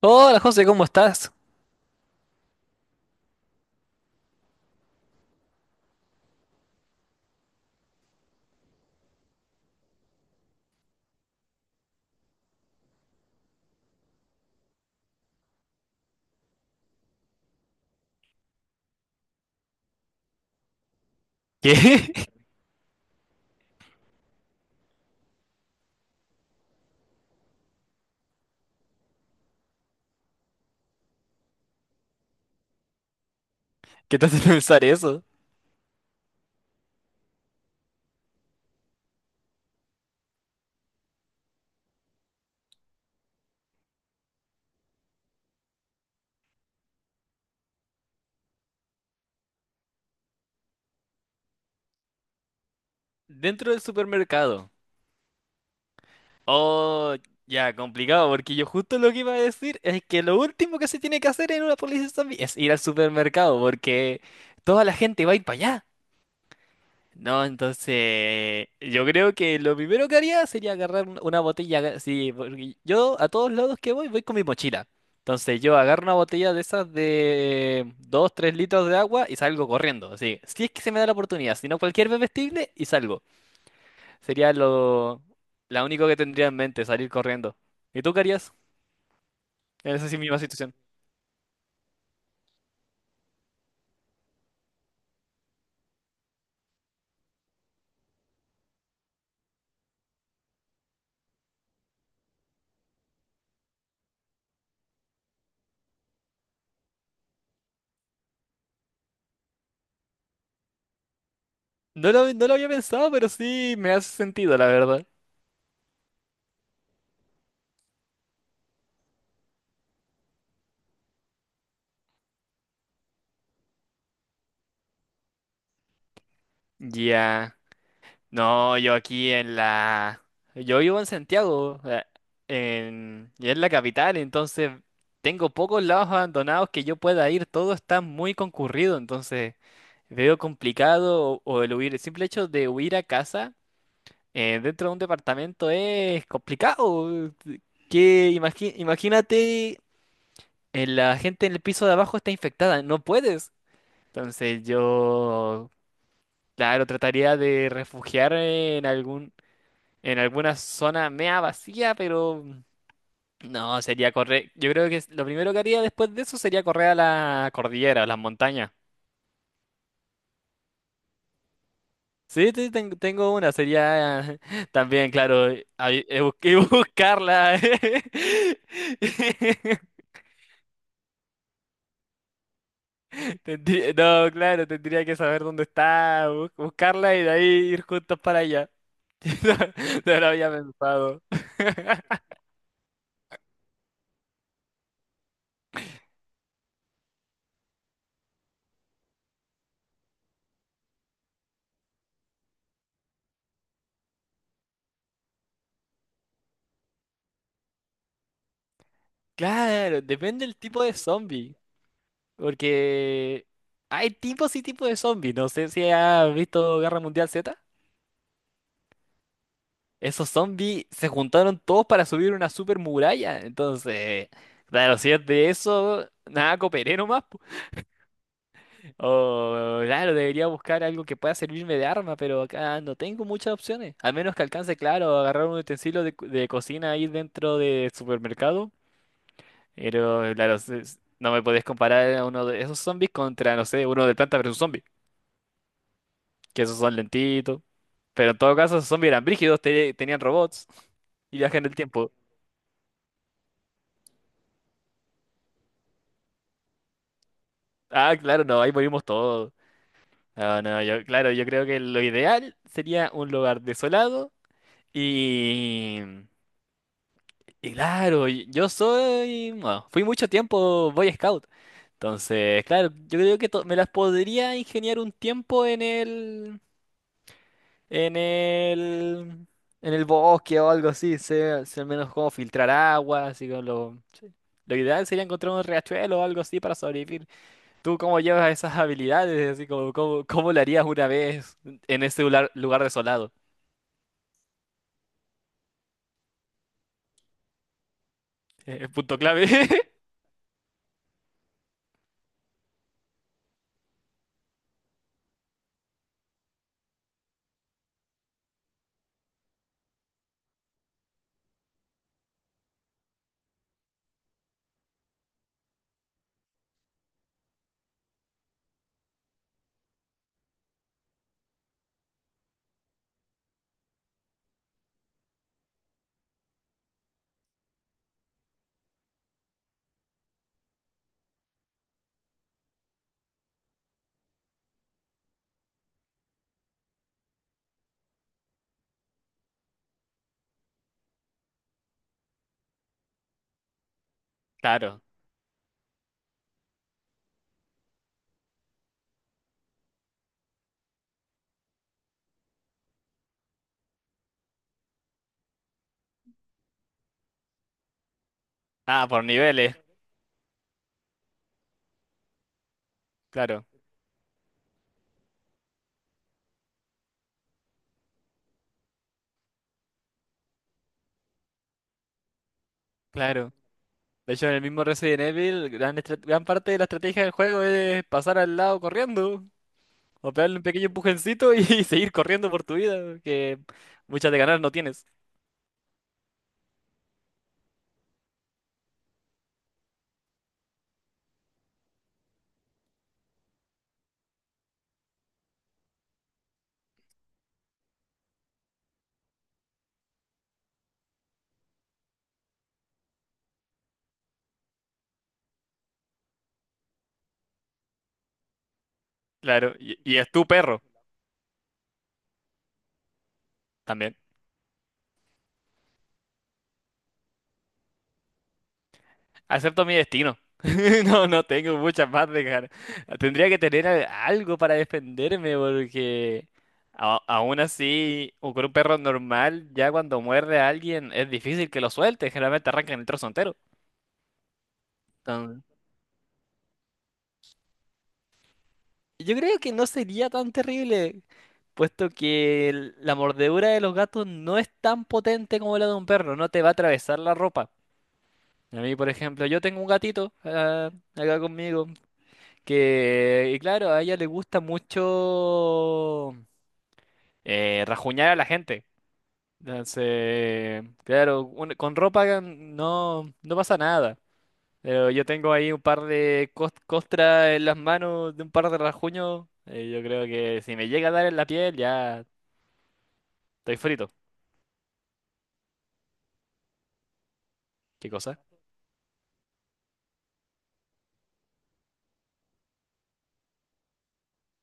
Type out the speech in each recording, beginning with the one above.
Hola José, ¿cómo estás? ¿Qué? ¿Qué te hace pensar eso? Dentro del supermercado. Oh, ya, complicado, porque yo justo lo que iba a decir es que lo último que se tiene que hacer en una policía zombie es ir al supermercado, porque toda la gente va a ir para allá. No, entonces yo creo que lo primero que haría sería agarrar una botella, sí, porque yo a todos lados que voy con mi mochila. Entonces yo agarro una botella de esas de 2 3 litros de agua y salgo corriendo. Así, si es que se me da la oportunidad, si no cualquier bebestible y salgo. Sería la único que tendría en mente, salir corriendo. ¿Y tú qué harías en esa sí misma situación? No lo había pensado, pero sí me hace sentido, la verdad. Ya. No. Yo vivo en Santiago, y es la capital, entonces tengo pocos lados abandonados que yo pueda ir, todo está muy concurrido, entonces veo complicado o el huir, el simple hecho de huir a casa, dentro de un departamento es complicado. Que imagínate, la gente en el piso de abajo está infectada, no puedes. Entonces yo, claro, trataría de refugiarme en algún en alguna zona mea vacía, pero no, sería correr. Yo creo que lo primero que haría después de eso sería correr a la cordillera, a las montañas. Sí, sí, tengo una, sería también, claro, ahí, y buscarla. No, claro, tendría que saber dónde está, buscarla y de ahí ir juntos para allá. No, no lo había pensado. Claro, depende del tipo de zombie. Porque hay tipos y tipos de zombies. No sé si has visto Guerra Mundial Z. Esos zombies se juntaron todos para subir una super muralla. Entonces, claro, si es de eso, nada, cooperé nomás po. O, claro, debería buscar algo que pueda servirme de arma, pero acá no tengo muchas opciones. Al menos que alcance, claro, a agarrar un utensilio de, de cocina ahí dentro del supermercado. Pero, claro, no me podés comparar a uno de esos zombies contra, no sé, uno de planta versus zombie. Que esos son lentitos. Pero en todo caso, esos zombies eran brígidos, tenían robots y viajan en el tiempo. Ah, claro, no, ahí morimos todos. No, no, yo, claro, yo creo que lo ideal sería un lugar desolado y... Y claro, Bueno, fui mucho tiempo Boy Scout. Entonces, claro, yo creo que me las podría ingeniar un tiempo en en el, el bosque o algo así, sé al menos cómo filtrar agua, así que lo, sí. Lo ideal sería encontrar un riachuelo o algo así para sobrevivir. ¿Tú cómo llevas esas habilidades? Así como, ¿cómo lo harías una vez en ese lugar desolado? Punto clave. Claro. Ah, por niveles. Claro, claro. De hecho, en el mismo Resident Evil, gran parte de la estrategia del juego es pasar al lado corriendo. O pegarle un pequeño empujoncito y seguir corriendo por tu vida, que muchas de ganar no tienes. Claro, y es tu perro también. Acepto mi destino. No, no tengo muchas más de ganar. Tendría que tener algo para defenderme porque aún así, o con un perro normal, ya cuando muerde a alguien es difícil que lo suelte. Generalmente arrancan el trozo entero. Yo creo que no sería tan terrible, puesto que la mordedura de los gatos no es tan potente como la de un perro, no te va a atravesar la ropa. A mí, por ejemplo, yo tengo un gatito, acá conmigo, y claro, a ella le gusta mucho, rajuñar a la gente. Entonces, claro, con ropa no, no pasa nada. Pero yo tengo ahí un par de costras en las manos, de un par de rajuños. Yo creo que si me llega a dar en la piel, ya estoy frito. ¿Qué cosa?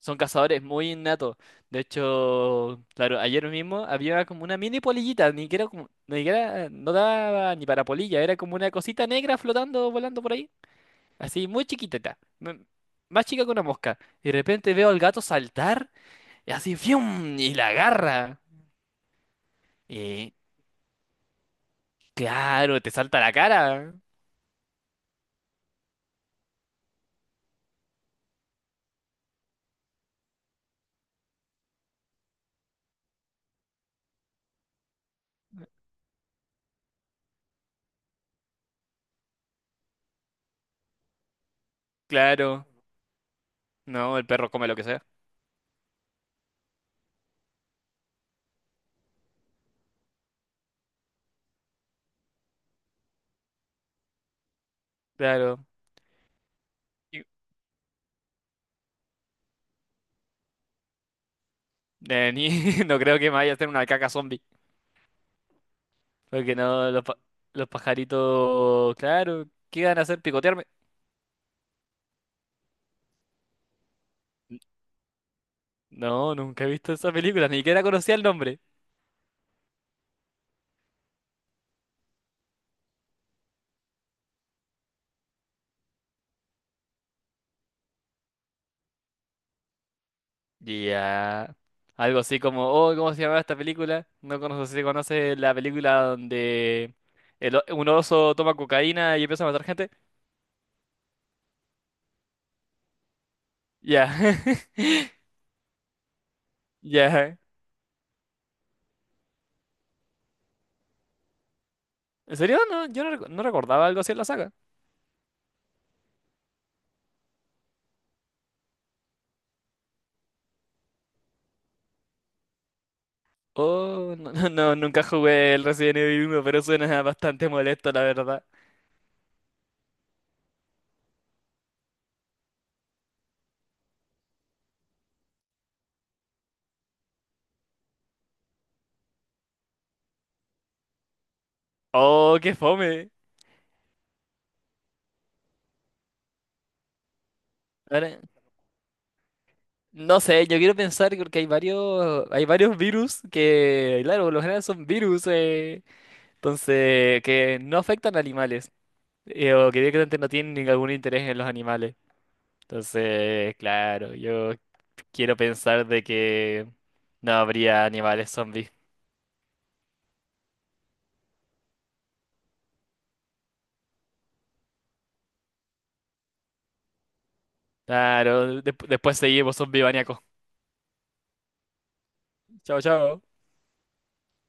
Son cazadores muy innatos. De hecho, claro, ayer mismo había como una mini polillita, ni siquiera, ni siquiera no daba ni para polilla, era como una cosita negra flotando, volando por ahí. Así, muy chiquitita. Más chica que una mosca. Y de repente veo al gato saltar, y así, ¡fium! Y la agarra. Y claro, te salta a la cara. Claro, no, el perro come lo que sea. Claro. Y- no creo que me vaya a hacer una caca zombie. Porque no, los pajaritos, claro, ¿qué van a hacer? ¿Picotearme? No, nunca he visto esa película, ni siquiera conocía el nombre. Ya. Algo así como, oh, ¿cómo se llamaba esta película? No conozco si conoces la película donde un oso toma cocaína y empieza a matar gente. Ya. Ya. ¿En serio? No, yo no, no recordaba algo así en la saga. Oh, no, no, no, nunca jugué el Resident Evil uno, pero suena bastante molesto, la verdad. Oh, qué fome. Ahora, no sé, yo quiero pensar porque hay varios virus que, claro, por lo general son virus, entonces, que no afectan a animales, o que directamente no tienen ningún interés en los animales. Entonces, claro, yo quiero pensar de que no habría animales zombies. Claro, después seguimos, zombie maníacos. Chao, chao.